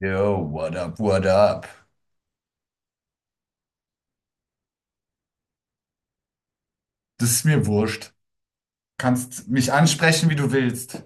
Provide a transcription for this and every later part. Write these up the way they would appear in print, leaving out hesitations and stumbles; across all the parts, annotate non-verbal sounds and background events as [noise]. Yo, what up, what up? Das ist mir wurscht. Kannst mich ansprechen, wie du willst.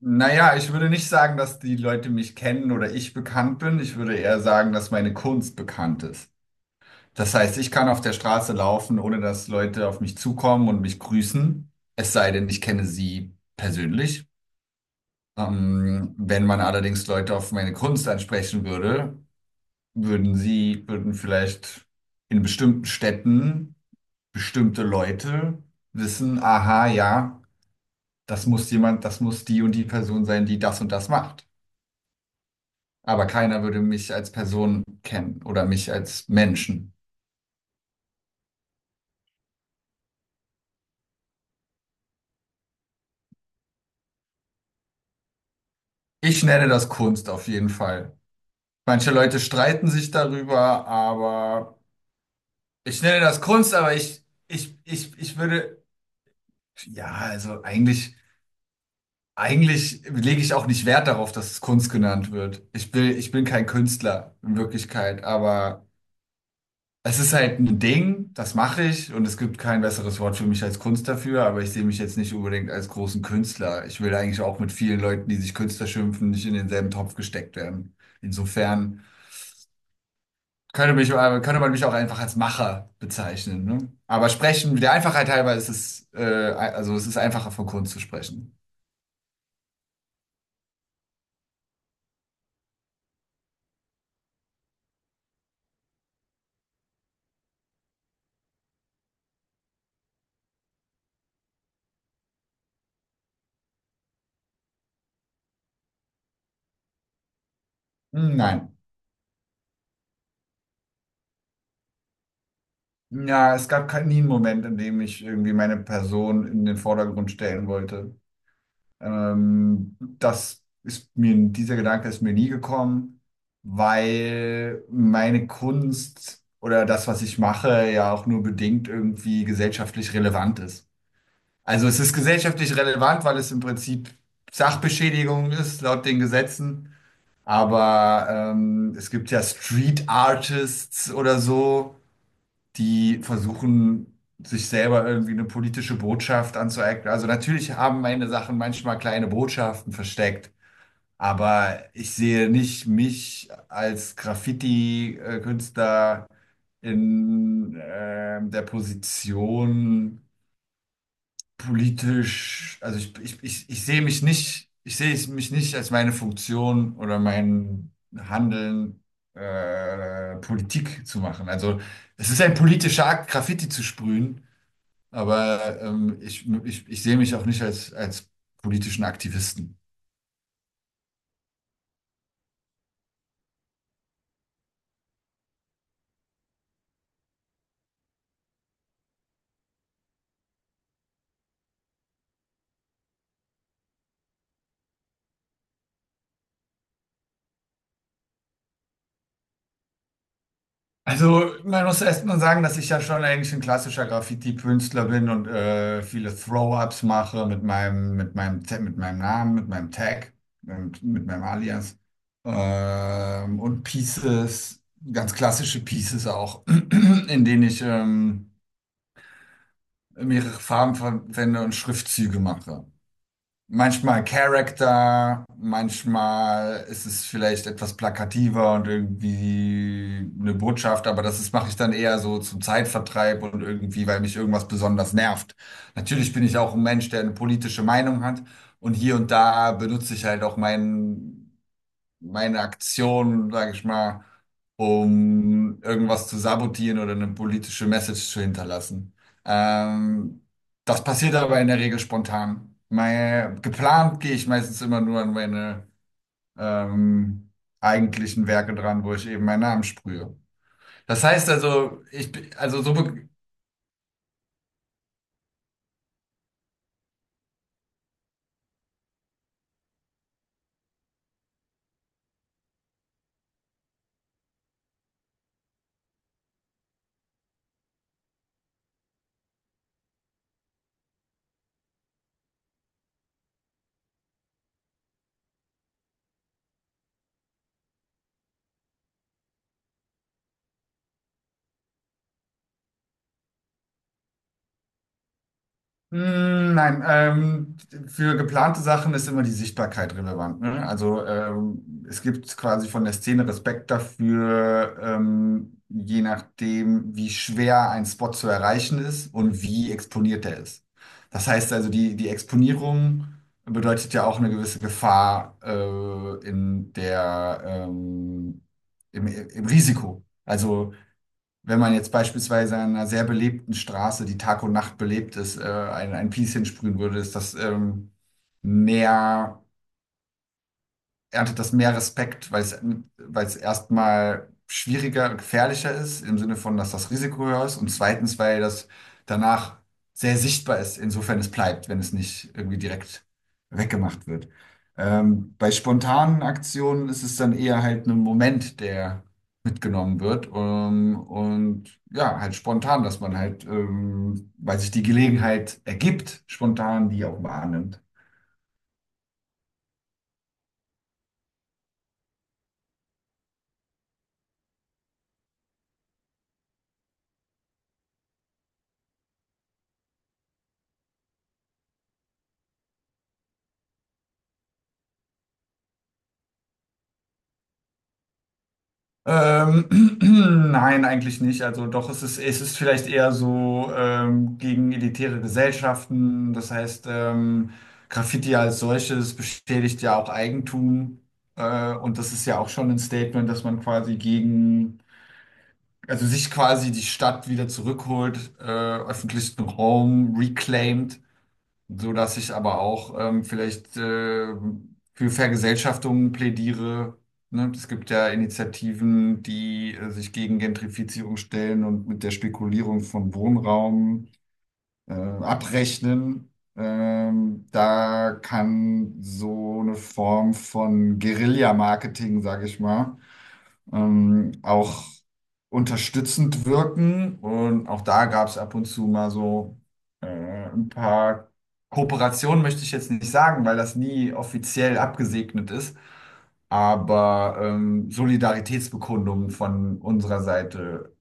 Naja, ich würde nicht sagen, dass die Leute mich kennen oder ich bekannt bin. Ich würde eher sagen, dass meine Kunst bekannt ist. Das heißt, ich kann auf der Straße laufen, ohne dass Leute auf mich zukommen und mich grüßen. Es sei denn, ich kenne sie persönlich. Wenn man allerdings Leute auf meine Kunst ansprechen würde, würden vielleicht in bestimmten Städten bestimmte Leute wissen, aha, ja, das muss die und die Person sein, die das und das macht. Aber keiner würde mich als Person kennen oder mich als Menschen. Ich nenne das Kunst auf jeden Fall. Manche Leute streiten sich darüber, aber ich nenne das Kunst, aber ich würde, ja, also eigentlich, eigentlich lege ich auch nicht Wert darauf, dass es Kunst genannt wird. Ich bin kein Künstler in Wirklichkeit, aber es ist halt ein Ding, das mache ich, und es gibt kein besseres Wort für mich als Kunst dafür, aber ich sehe mich jetzt nicht unbedingt als großen Künstler. Ich will eigentlich auch mit vielen Leuten, die sich Künstler schimpfen, nicht in denselben Topf gesteckt werden. Insofern könnte mich, äh, könnte man mich auch einfach als Macher bezeichnen, ne? Der Einfachheit halber ist es, also es ist einfacher von Kunst zu sprechen. Hm, nein. Ja, es gab nie einen Moment, in dem ich irgendwie meine Person in den Vordergrund stellen wollte. Dieser Gedanke ist mir nie gekommen, weil meine Kunst oder das, was ich mache, ja auch nur bedingt irgendwie gesellschaftlich relevant ist. Also es ist gesellschaftlich relevant, weil es im Prinzip Sachbeschädigung ist, laut den Gesetzen. Aber es gibt ja Street Artists oder so, die versuchen, sich selber irgendwie eine politische Botschaft anzueignen. Also natürlich haben meine Sachen manchmal kleine Botschaften versteckt, aber ich sehe nicht mich als Graffiti-Künstler in der Position, politisch, also ich sehe es mich nicht als meine Funktion oder mein Handeln, Politik zu machen. Also es ist ein politischer Akt, Graffiti zu sprühen, aber ich sehe mich auch nicht als, als politischen Aktivisten. Also, man muss erst mal sagen, dass ich ja schon eigentlich ein klassischer Graffiti-Künstler bin und viele Throw-ups mache mit mit meinem Namen, mit meinem Tag, und mit meinem Alias. Und Pieces, ganz klassische Pieces auch, [clears throat] in denen ich mehrere Farben verwende und Schriftzüge mache. Manchmal Character, manchmal ist es vielleicht etwas plakativer und irgendwie eine Botschaft, aber mache ich dann eher so zum Zeitvertreib und irgendwie, weil mich irgendwas besonders nervt. Natürlich bin ich auch ein Mensch, der eine politische Meinung hat, und hier und da benutze ich halt auch meine Aktion, sage ich mal, um irgendwas zu sabotieren oder eine politische Message zu hinterlassen. Ähm, Das passiert aber in der Regel spontan. Geplant gehe ich meistens immer nur an meine ähm, eigentlichen Werke dran, wo ich eben meinen Namen sprühe. Das heißt also, ich, bin- also so, Mm, nein, für geplante Sachen ist immer die Sichtbarkeit relevant. Ne? Also es gibt quasi von der Szene Respekt dafür, je nachdem, wie schwer ein Spot zu erreichen ist und wie exponiert er ist. Das heißt also, die Exponierung bedeutet ja auch eine gewisse Gefahr im Risiko. Also wenn man jetzt beispielsweise an einer sehr belebten Straße, die Tag und Nacht belebt ist, ein Piece hinsprühen würde, ist das mehr erntet das mehr Respekt, weil es erstmal schwieriger und gefährlicher ist, im Sinne von, dass das Risiko höher ist, und zweitens, weil das danach sehr sichtbar ist, insofern es bleibt, wenn es nicht irgendwie direkt weggemacht wird. Bei spontanen Aktionen ist es dann eher halt ein Moment, der mitgenommen wird, und ja, halt spontan, dass man halt, weil sich die Gelegenheit ergibt, spontan die auch wahrnimmt. Ähm, [clears throat] nein, eigentlich nicht. Also doch, es ist vielleicht eher so gegen elitäre Gesellschaften. Das heißt, Graffiti als solches beschädigt ja auch Eigentum. Und das ist ja auch schon ein Statement, dass man quasi also sich quasi die Stadt wieder zurückholt, öffentlichen Raum reclaimt, so dass ich aber auch vielleicht für Vergesellschaftungen plädiere. Ne? Es gibt ja Initiativen, die sich gegen Gentrifizierung stellen und mit der Spekulierung von Wohnraum abrechnen. Da kann so eine Form von Guerilla-Marketing, sage ich mal, auch unterstützend wirken. Und auch da gab es ab und zu mal so ein paar Kooperationen, möchte ich jetzt nicht sagen, weil das nie offiziell abgesegnet ist. Aber Solidaritätsbekundungen von unserer Seite,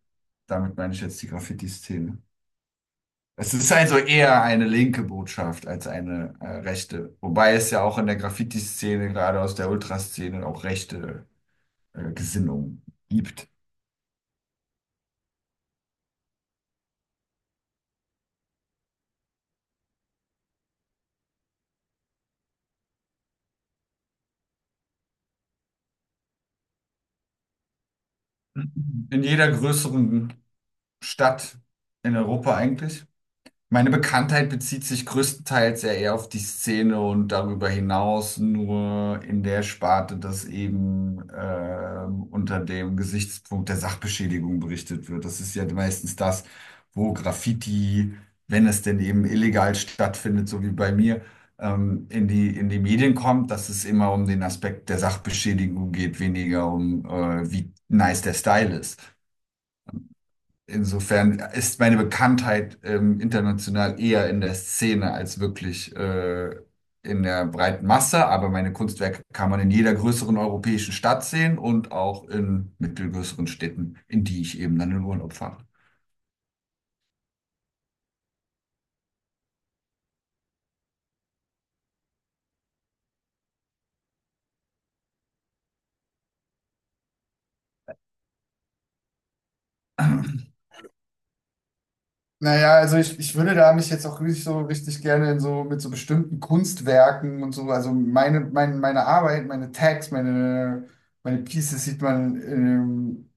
damit meine ich jetzt die Graffiti-Szene. Es ist also eher eine linke Botschaft als eine rechte. Wobei es ja auch in der Graffiti-Szene, gerade aus der Ultraszene, auch rechte Gesinnungen gibt. In jeder größeren Stadt in Europa eigentlich. Meine Bekanntheit bezieht sich größtenteils ja eher auf die Szene und darüber hinaus nur in der Sparte, dass eben unter dem Gesichtspunkt der Sachbeschädigung berichtet wird. Das ist ja meistens das, wo Graffiti, wenn es denn eben illegal stattfindet, so wie bei mir, in in die Medien kommt, dass es immer um den Aspekt der Sachbeschädigung geht, weniger um wie nice der Style ist. Insofern ist meine Bekanntheit international eher in der Szene als wirklich in der breiten Masse, aber meine Kunstwerke kann man in jeder größeren europäischen Stadt sehen und auch in mittelgrößeren Städten, in die ich eben dann in Urlaub fahre. [clears throat] Naja, also ich würde da mich jetzt auch richtig gerne in so mit so bestimmten Kunstwerken und so, also meine Arbeit, meine Pieces sieht man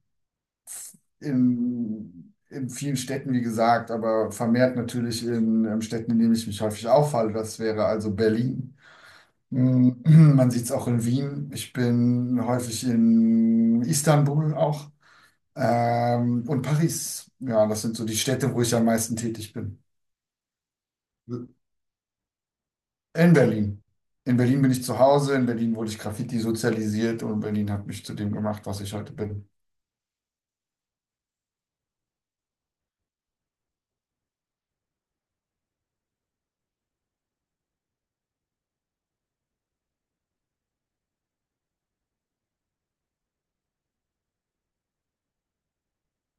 in vielen Städten, wie gesagt, aber vermehrt natürlich in, Städten, in denen ich mich häufig aufhalte. Das wäre also Berlin. Mm, [clears throat] man sieht es auch in Wien. Ich bin häufig in Istanbul auch. Und Paris. Ja, das sind so die Städte, wo ich am meisten tätig bin. In Berlin. In Berlin bin ich zu Hause, in Berlin wurde ich Graffiti sozialisiert und Berlin hat mich zu dem gemacht, was ich heute bin.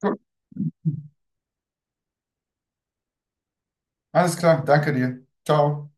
Gut, alles klar, danke dir. Ciao.